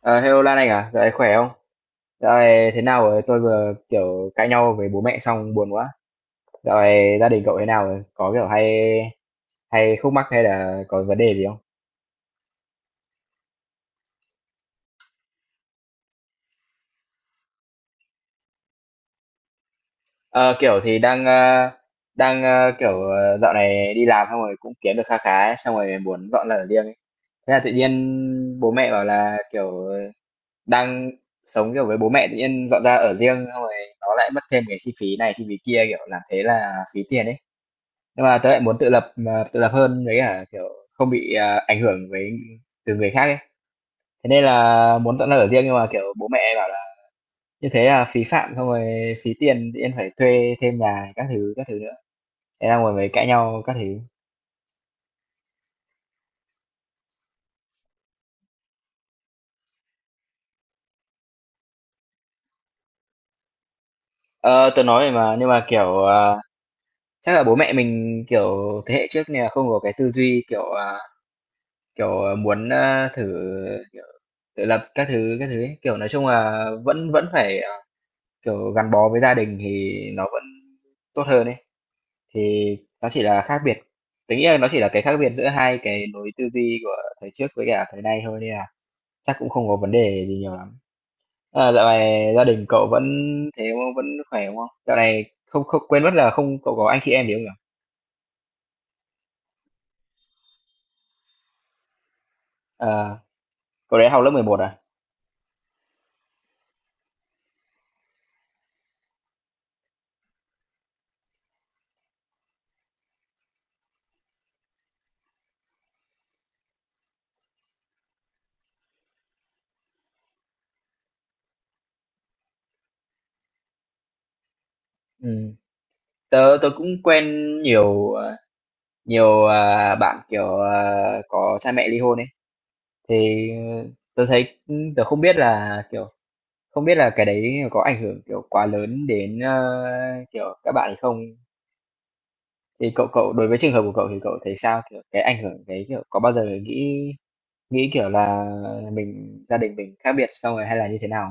Ờ, Hello Lan Anh à, dạo này khỏe không? Dạo này thế nào rồi? Tôi vừa kiểu cãi nhau với bố mẹ xong buồn quá. Dạo này gia đình cậu thế nào rồi? Có kiểu hay hay khúc mắc hay là có vấn đề gì không? Ờ, kiểu thì đang kiểu dạo này đi làm xong rồi cũng kiếm được kha khá ấy, xong rồi muốn dọn ra ở riêng ấy. Thế là tự nhiên bố mẹ bảo là kiểu đang sống kiểu với bố mẹ tự nhiên dọn ra ở riêng, xong rồi nó lại mất thêm cái chi phí này chi phí kia, kiểu làm thế là phí tiền ấy. Nhưng mà tớ lại muốn tự lập, mà tự lập hơn, với cả kiểu không bị ảnh hưởng với từ người khác ấy. Thế nên là muốn dọn ra ở riêng, nhưng mà kiểu bố mẹ bảo là như thế là phí phạm, xong rồi phí tiền tự nhiên phải thuê thêm nhà các thứ nữa. Thế là ngồi mới cãi nhau các thứ. Ờ tớ nói rồi mà, nhưng mà kiểu chắc là bố mẹ mình kiểu thế hệ trước nên là không có cái tư duy kiểu, muốn thử kiểu tự lập các thứ ấy. Kiểu nói chung là vẫn vẫn phải kiểu gắn bó với gia đình thì nó vẫn tốt hơn ấy, thì nó chỉ là khác biệt tính nghĩ là nó chỉ là cái khác biệt giữa hai cái lối tư duy của thời trước với cả thời nay thôi nên là chắc cũng không có vấn đề gì nhiều lắm. À, dạo này gia đình cậu vẫn thế không? Vẫn khỏe đúng không? Dạo này không không quên mất là, không cậu có anh chị em gì không nhỉ? À, cậu đấy học lớp 11 à? Ừ. Tớ tớ cũng quen nhiều ờ, nhiều bạn kiểu có cha mẹ ly hôn ấy. Thì tớ thấy, tớ không biết là cái đấy có ảnh hưởng, kiểu, quá lớn đến, kiểu, các bạn ấy không? Thì cậu cậu đối với trường hợp của cậu thì cậu thấy sao? Kiểu, cái ảnh hưởng đấy, kiểu, có bao giờ nghĩ nghĩ, kiểu là, gia đình mình khác biệt xong rồi hay là như thế nào?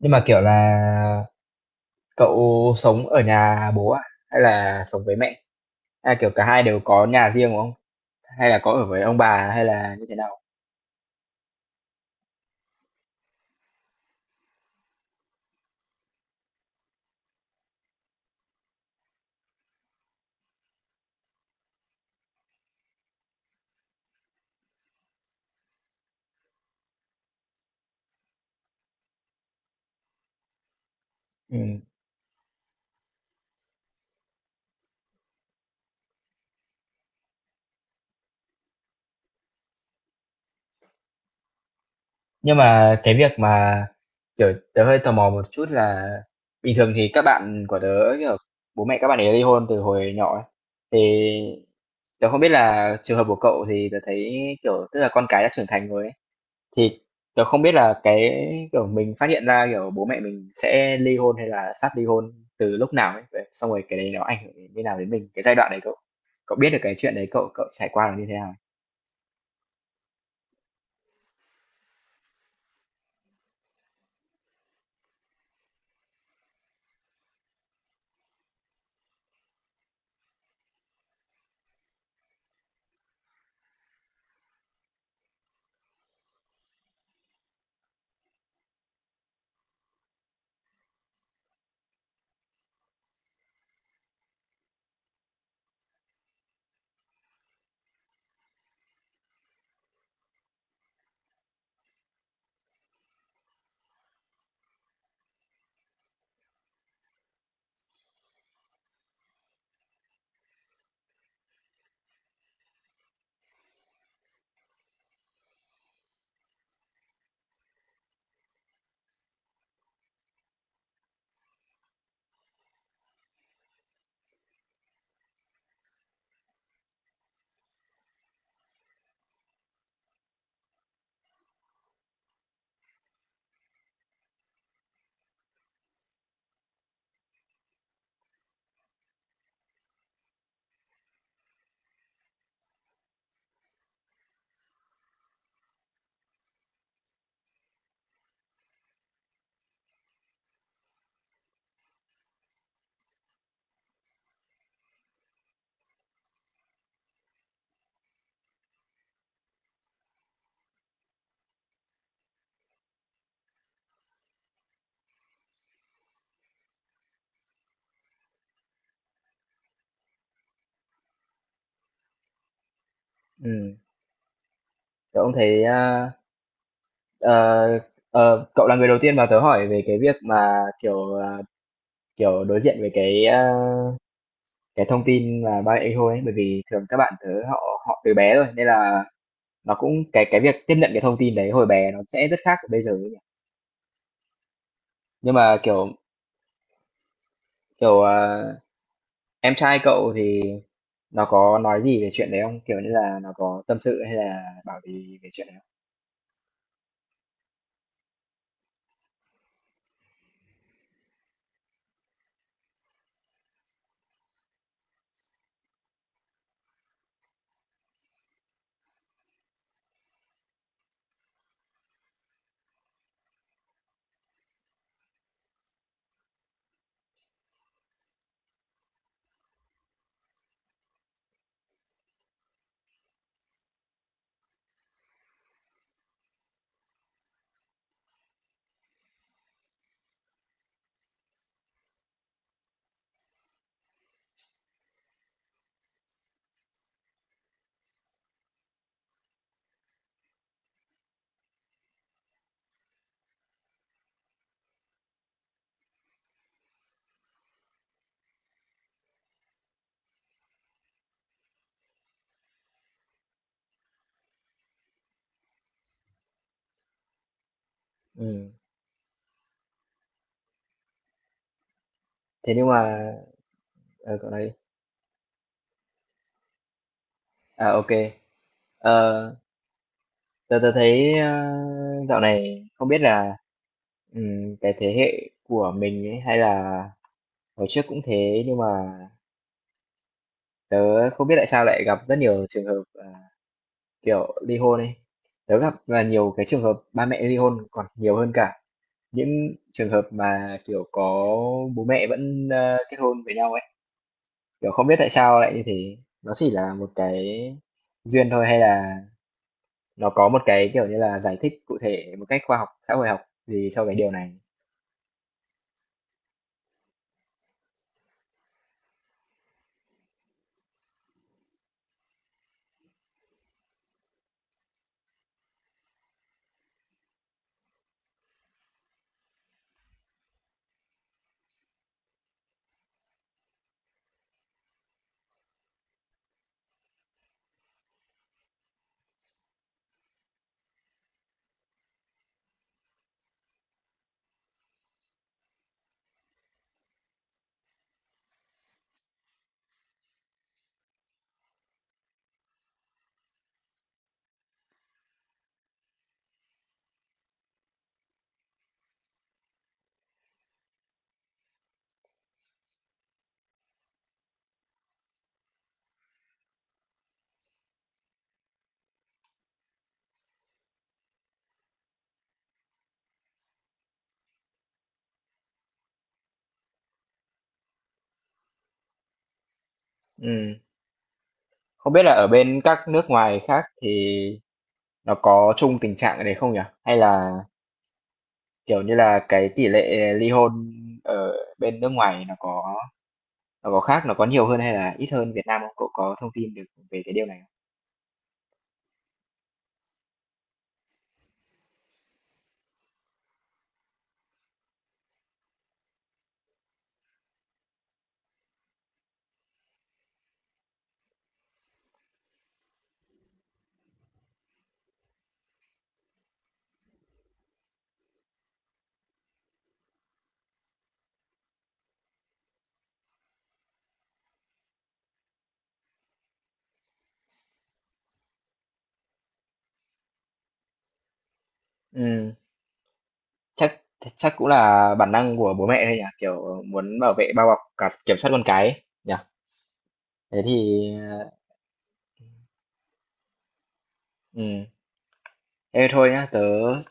Nhưng mà, kiểu là, cậu sống ở nhà bố à? Hay là sống với mẹ? Hay là, kiểu, cả hai đều có nhà riêng, đúng không? Hay là có ở với ông bà hay là như thế nào? Nhưng mà cái việc mà, kiểu, tớ hơi tò mò một chút là bình thường thì các bạn của tớ, kiểu, bố mẹ các bạn ấy ly hôn từ hồi nhỏ ấy, thì tớ không biết là trường hợp của cậu thì tớ thấy, kiểu, tức là con cái đã trưởng thành rồi ấy, thì tớ không biết là cái, kiểu, mình phát hiện ra, kiểu, bố mẹ mình sẽ ly hôn hay là sắp ly hôn từ lúc nào ấy, vậy xong rồi cái đấy nó ảnh hưởng như nào đến mình, cái giai đoạn đấy cậu cậu biết được cái chuyện đấy cậu cậu trải qua là như thế nào? Ừm, Tớ cũng thấy, ờ, Ờ, cậu là người đầu tiên mà tớ hỏi về cái việc mà kiểu kiểu đối diện với cái thông tin là ba mẹ thôi ấy, bởi vì thường các bạn tớ họ họ từ bé rồi nên là nó cũng cái việc tiếp nhận cái thông tin đấy hồi bé nó sẽ rất khác với bây giờ ấy nhỉ. Nhưng mà kiểu kiểu à, em trai cậu thì nó có nói gì về chuyện đấy không? Kiểu như là nó có tâm sự hay là bảo gì về chuyện đấy không? Ừ. Thế nhưng mà cậu nói đi. À, ok. Ờ, tớ tớ thấy dạo này không biết là cái thế hệ của mình ấy, hay là hồi trước cũng thế nhưng mà tớ không biết tại sao lại gặp rất nhiều trường hợp kiểu ly hôn ấy. Tớ gặp là nhiều cái trường hợp ba mẹ ly hôn còn nhiều hơn cả những trường hợp mà kiểu có bố mẹ vẫn kết hôn với nhau ấy. Kiểu không biết tại sao lại như thế. Nó chỉ là một cái duyên thôi hay là nó có một cái kiểu như là giải thích cụ thể một cách khoa học, xã hội học gì cho cái điều này. Ừm, Không biết là ở bên các nước ngoài khác thì nó có chung tình trạng cái đấy không nhỉ? Hay là, kiểu như là, cái tỷ lệ ly hôn ở bên nước ngoài nó có khác, nó có nhiều hơn hay là ít hơn Việt Nam không? Cậu có thông tin được về cái điều này không? Ừ, chắc chắc cũng là bản năng của bố mẹ thôi nhỉ? Kiểu muốn bảo vệ, bao bọc, cả kiểm soát con cái ấy, nhỉ? Thế thì, ừ, ê thôi nhá, tớ,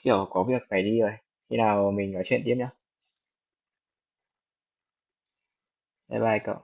kiểu, có việc phải đi rồi. Khi nào mình nói chuyện tiếp nhá. Bye bye cậu.